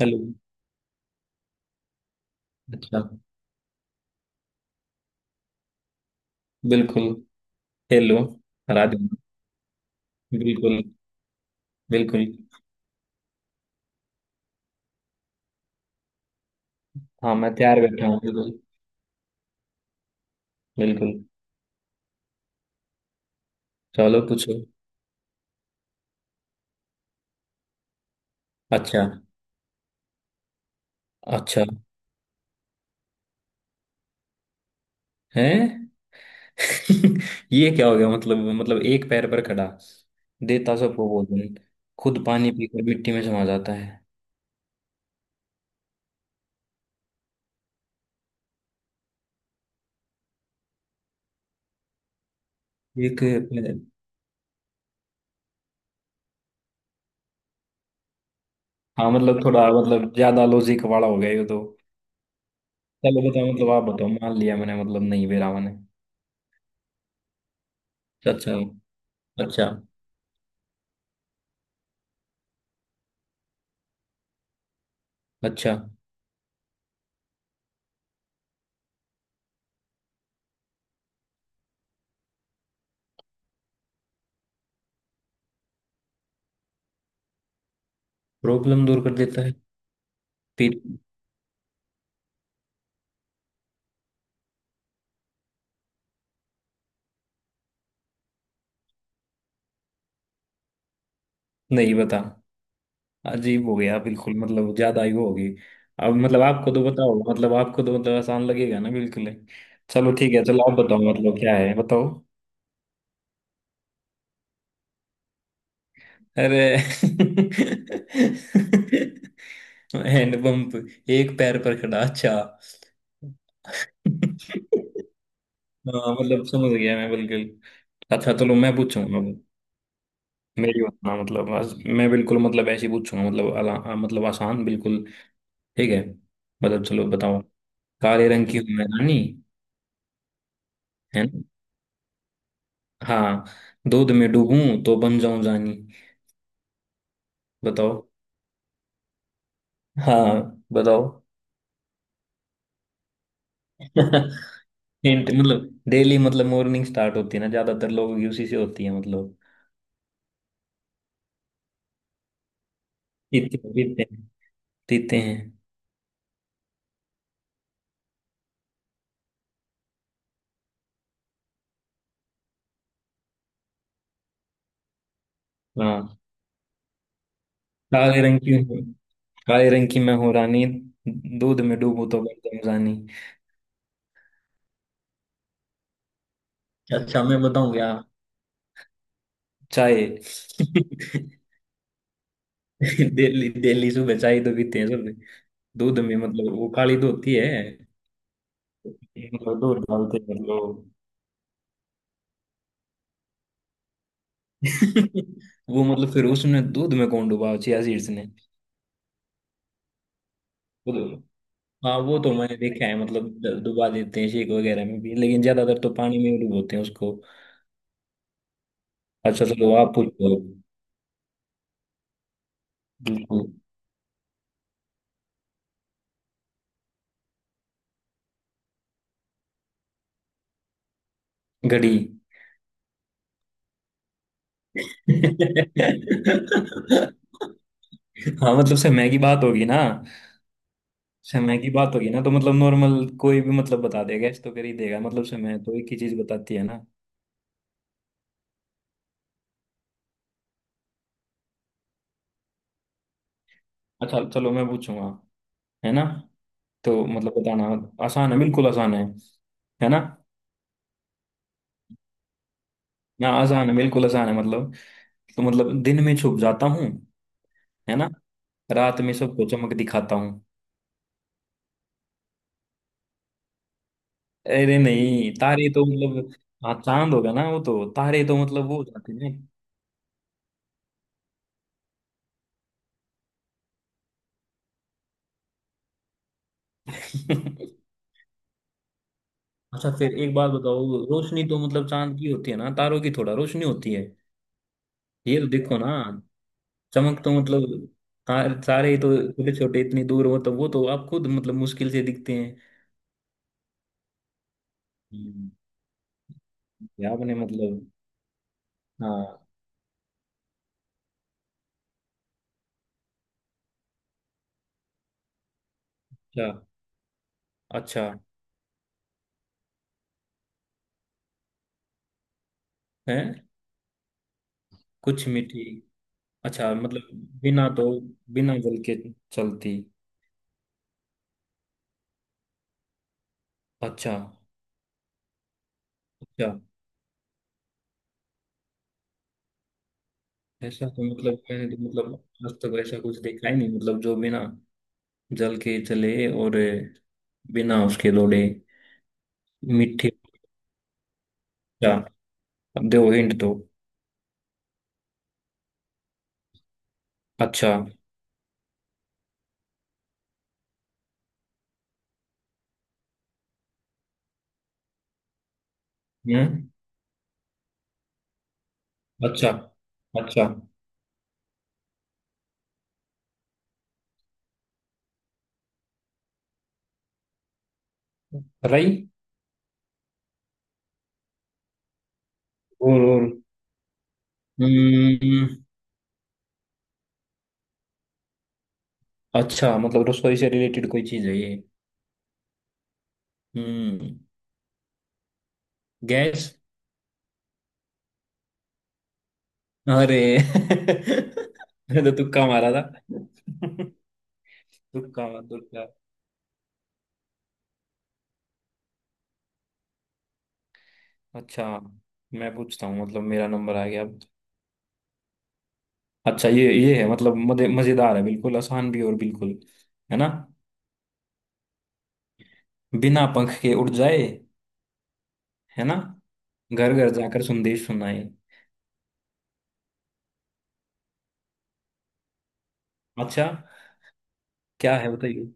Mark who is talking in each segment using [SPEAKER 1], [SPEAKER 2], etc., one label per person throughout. [SPEAKER 1] Hello. अच्छा। बिल्कुल। Hello. Radhe. बिल्कुल। बिल्कुल। हाँ, मैं तैयार बैठा हूँ, बिल्कुल। बिल्कुल। चलो, पूछो। अच्छा। अच्छा। है। ये क्या हो गया? मतलब एक पैर पर खड़ा, देता सबको भोजन, खुद पानी पीकर मिट्टी में समा जाता है। एक पैर-। हाँ, मतलब थोड़ा, मतलब ज्यादा लॉजिक वाला हो गया ये तो। चलो बताओ, मतलब आप बताओ, मान लिया मैंने, मतलब नहीं बेरा मैंने। अच्छा। अच्छा। अच्छा। प्रॉब्लम दूर कर देता है। फिर? नहीं बता। अजीब हो गया बिल्कुल, मतलब ज्यादा ही वो होगी। अब मतलब आपको तो मतलब आसान लगेगा ना बिल्कुल ही। चलो ठीक है, चलो आप बताओ, मतलब क्या है, बताओ। अरे हैंड पंप। एक पैर पर खड़ा, अच्छा। हाँ, मतलब समझ गया मैं बिल्कुल। अच्छा, चलो मैं पूछूंगा अब। मेरी बात ना, मतलब आज मैं बिल्कुल, मतलब ऐसे ही पूछूंगा, मतलब मतलब आसान बिल्कुल। ठीक है। मतलब चलो बताओ। काले रंग की हूं मैं रानी, है ना। हाँ। दूध में डूबूं तो बन जाऊं जानी, बताओ। हाँ, बताओ। हिंट मतलब डेली, मतलब मॉर्निंग स्टार्ट होती है ना ज्यादातर लोगों की उसी से होती है, मतलब पीते पीते हैं पीते हैं। हाँ। काले रंग की हूँ, काले रंग की मैं हूँ रानी। दूध में डूबूं तो बन जाऊं जानी। अच्छा मैं बताऊं क्या? चाय। डेली डेली सुबह चाय तो पीते हैं सब। दूध में, मतलब वो काली तो होती है, मतलब दूध डालते हैं लोग। वो मतलब फिर उसने दूध में कौन डुबा, चिया सीड्स ने? वो तो-। हाँ, वो तो मैंने देखा है, मतलब डुबा देते हैं शेक वगैरह में भी, लेकिन ज्यादातर तो पानी में ही डुबोते हैं उसको। अच्छा, चलो आप पूछो। बिल्कुल। घड़ी। हाँ, मतलब समय की बात होगी ना तो, मतलब नॉर्मल कोई भी मतलब बता देगा, इस तो कर ही देगा, मतलब समय तो एक ही चीज बताती है ना। अच्छा, चलो मैं पूछूंगा, है ना। तो मतलब बताना आसान है, बिल्कुल आसान है ना। ना, आसान है बिल्कुल आसान है मतलब। तो मतलब दिन में छुप जाता हूँ, है ना, रात में सबको चमक दिखाता हूँ। अरे नहीं, तारे तो मतलब। हाँ, चांद होगा ना वो, तो तारे तो मतलब वो हो जाते हैं। अच्छा, फिर एक बात बताओ, रोशनी तो मतलब चांद की होती है ना, तारों की थोड़ा रोशनी होती है। ये तो देखो ना, चमक तो मतलब तारे ही तो, छोटे छोटे इतनी दूर हो तो वो तो आप खुद मतलब मुश्किल से दिखते हैं। हम्म। ये आपने मतलब। हाँ। अच्छा। अच्छा है, कुछ मिट्टी। अच्छा मतलब बिना दो, बिना जल के चलती। अच्छा। अच्छा। ऐसा तो मतलब मैंने तो मतलब आज तक ऐसा कुछ देखा ही नहीं, मतलब जो बिना जल के चले, और बिना उसके दौड़े। मिट्टी। अच्छा, अब दो हिंट दो। अच्छा। हम्म। अच्छा। अच्छा। रही। और हम्म। अच्छा, मतलब रसोई से रिलेटेड कोई चीज है ये। हम्म। गैस। अरे मैंने तो तुक्का मारा था। तुक्का। तुक्का। अच्छा, मैं पूछता हूँ, मतलब मेरा नंबर आ गया अब। अच्छा, ये है मतलब, मजेदार है बिल्कुल, आसान भी और बिल्कुल। है ना। बिना पंख के उड़ जाए, है ना, घर घर जाकर संदेश सुनाए। अच्छा। क्या है, बताइए।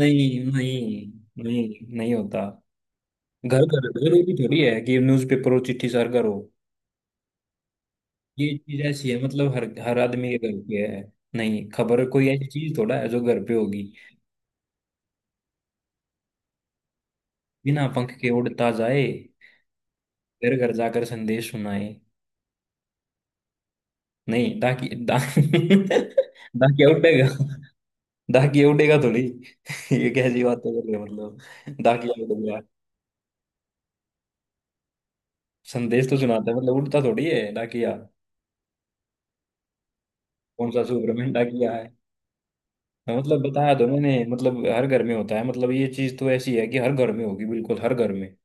[SPEAKER 1] नहीं, नहीं, नहीं, नहीं होता। घर घर घर भी थोड़ी है कि न्यूज़पेपर और चिट्ठी सर करो। ये चीज ऐसी है मतलब हर हर आदमी के घर पे है। नहीं, खबर कोई ऐसी चीज थोड़ा है जो घर पे होगी। बिना पंख के उड़ता जाए, घर घर जाकर संदेश सुनाए। नहीं, डाकी डा डाकिया उड़ेगा। डाकिया उड़ेगा थोड़ी। ये कैसी बात कर रहे हो, मतलब डाकिया उड़ेगा? संदेश तो सुनाता है, मतलब उड़ता थोड़ी है डाकिया। कौन सा सुपरमैन डाकिया है? हाँ, मतलब बताया तो मैंने, मतलब हर घर में होता है, मतलब ये चीज तो ऐसी है कि हर घर में होगी, बिल्कुल हर घर में।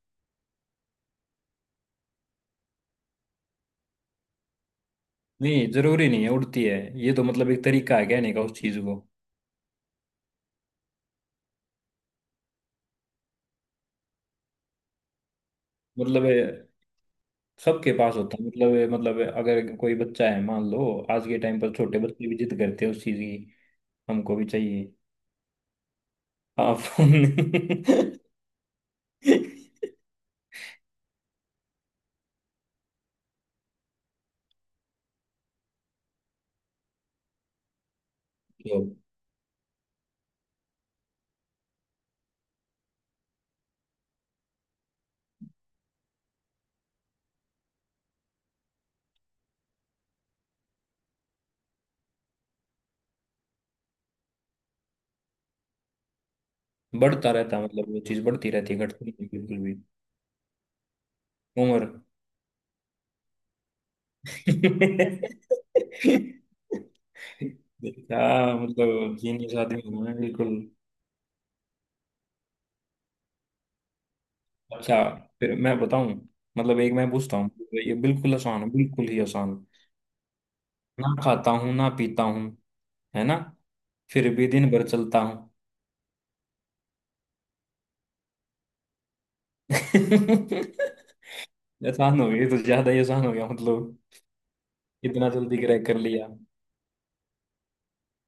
[SPEAKER 1] नहीं, जरूरी नहीं है उड़ती है, ये तो मतलब एक तरीका है कहने का उस चीज को। मतलब ये सबके पास होता है, मतलब ये अगर कोई बच्चा है मान लो, आज के टाइम पर छोटे बच्चे भी जिद करते हैं उस चीज की, हमको भी चाहिए। हाँ, फोन। तो बढ़ता रहता है मतलब, वो चीज बढ़ती रहती है, घटती नहीं बिल्कुल भी। उम्र। क्या, मतलब जीनियस आदमी हूँ मैं बिल्कुल। अच्छा। फिर मैं बताऊं, मतलब एक मैं पूछता हूँ। ये बिल्कुल आसान है, बिल्कुल ही आसान। ना खाता हूँ ना पीता हूँ, है ना, फिर भी दिन भर चलता हूँ। आसान हो गया, ये तो ज्यादा ही आसान हो गया मतलब, इतना जल्दी क्रैक कर लिया।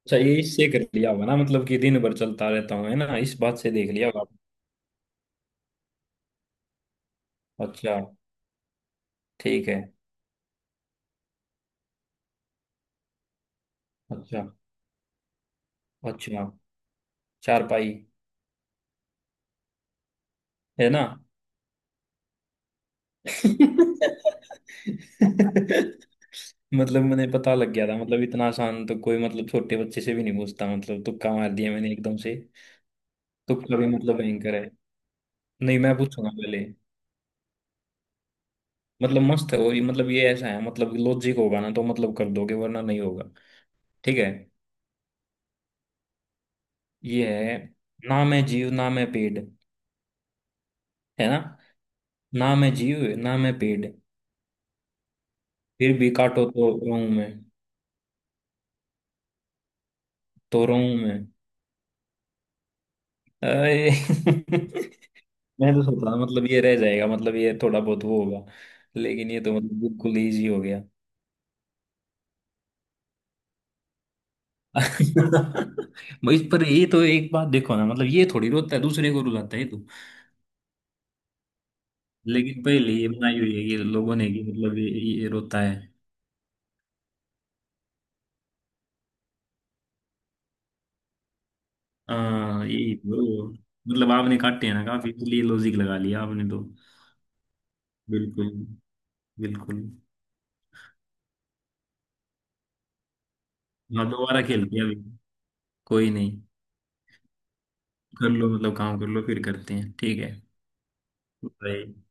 [SPEAKER 1] अच्छा ये इससे कर लिया होगा ना, मतलब कि दिन भर चलता रहता हूँ, है ना, इस बात से देख लिया होगा आपने। अच्छा ठीक है। अच्छा। अच्छा। चारपाई। है ना। मतलब मैंने पता लग गया था, मतलब इतना आसान तो कोई, मतलब छोटे बच्चे से भी नहीं पूछता, मतलब तुक्का मार दिया मैंने एकदम से। तुक्का भी मतलब भयंकर है। नहीं, मैं पूछूंगा पहले। मतलब मस्त है, और ये मतलब, ये ऐसा है मतलब लॉजिक होगा ना तो मतलब कर दोगे, वरना नहीं होगा। ठीक है। ये है। ना मैं जीव, ना मैं पेड़, है ना। ना मैं जीव, ना मैं पेड़। फिर भी काटो तो रोऊं मैं। तो रोऊं मैं। अरे मैं तो सोचा था, मतलब ये रह जाएगा, मतलब ये थोड़ा बहुत वो होगा, लेकिन ये तो मतलब बिल्कुल इजी हो गया। इस पर ये तो एक बात देखो ना, मतलब ये थोड़ी रोता है, दूसरे को रुलाता है ये तो। लेकिन पहले ये बनाई हुई है ये लोगों ने कि मतलब ये रोता है। हाँ, ये तो मतलब आपने काटे हैं ना काफी, इसलिए लॉजिक लगा लिया आपने तो। बिल्कुल। बिल्कुल। हाँ, दोबारा खेलते हैं अभी। कोई नहीं। कर लो, मतलब काम कर लो, फिर करते हैं, ठीक है। बाय।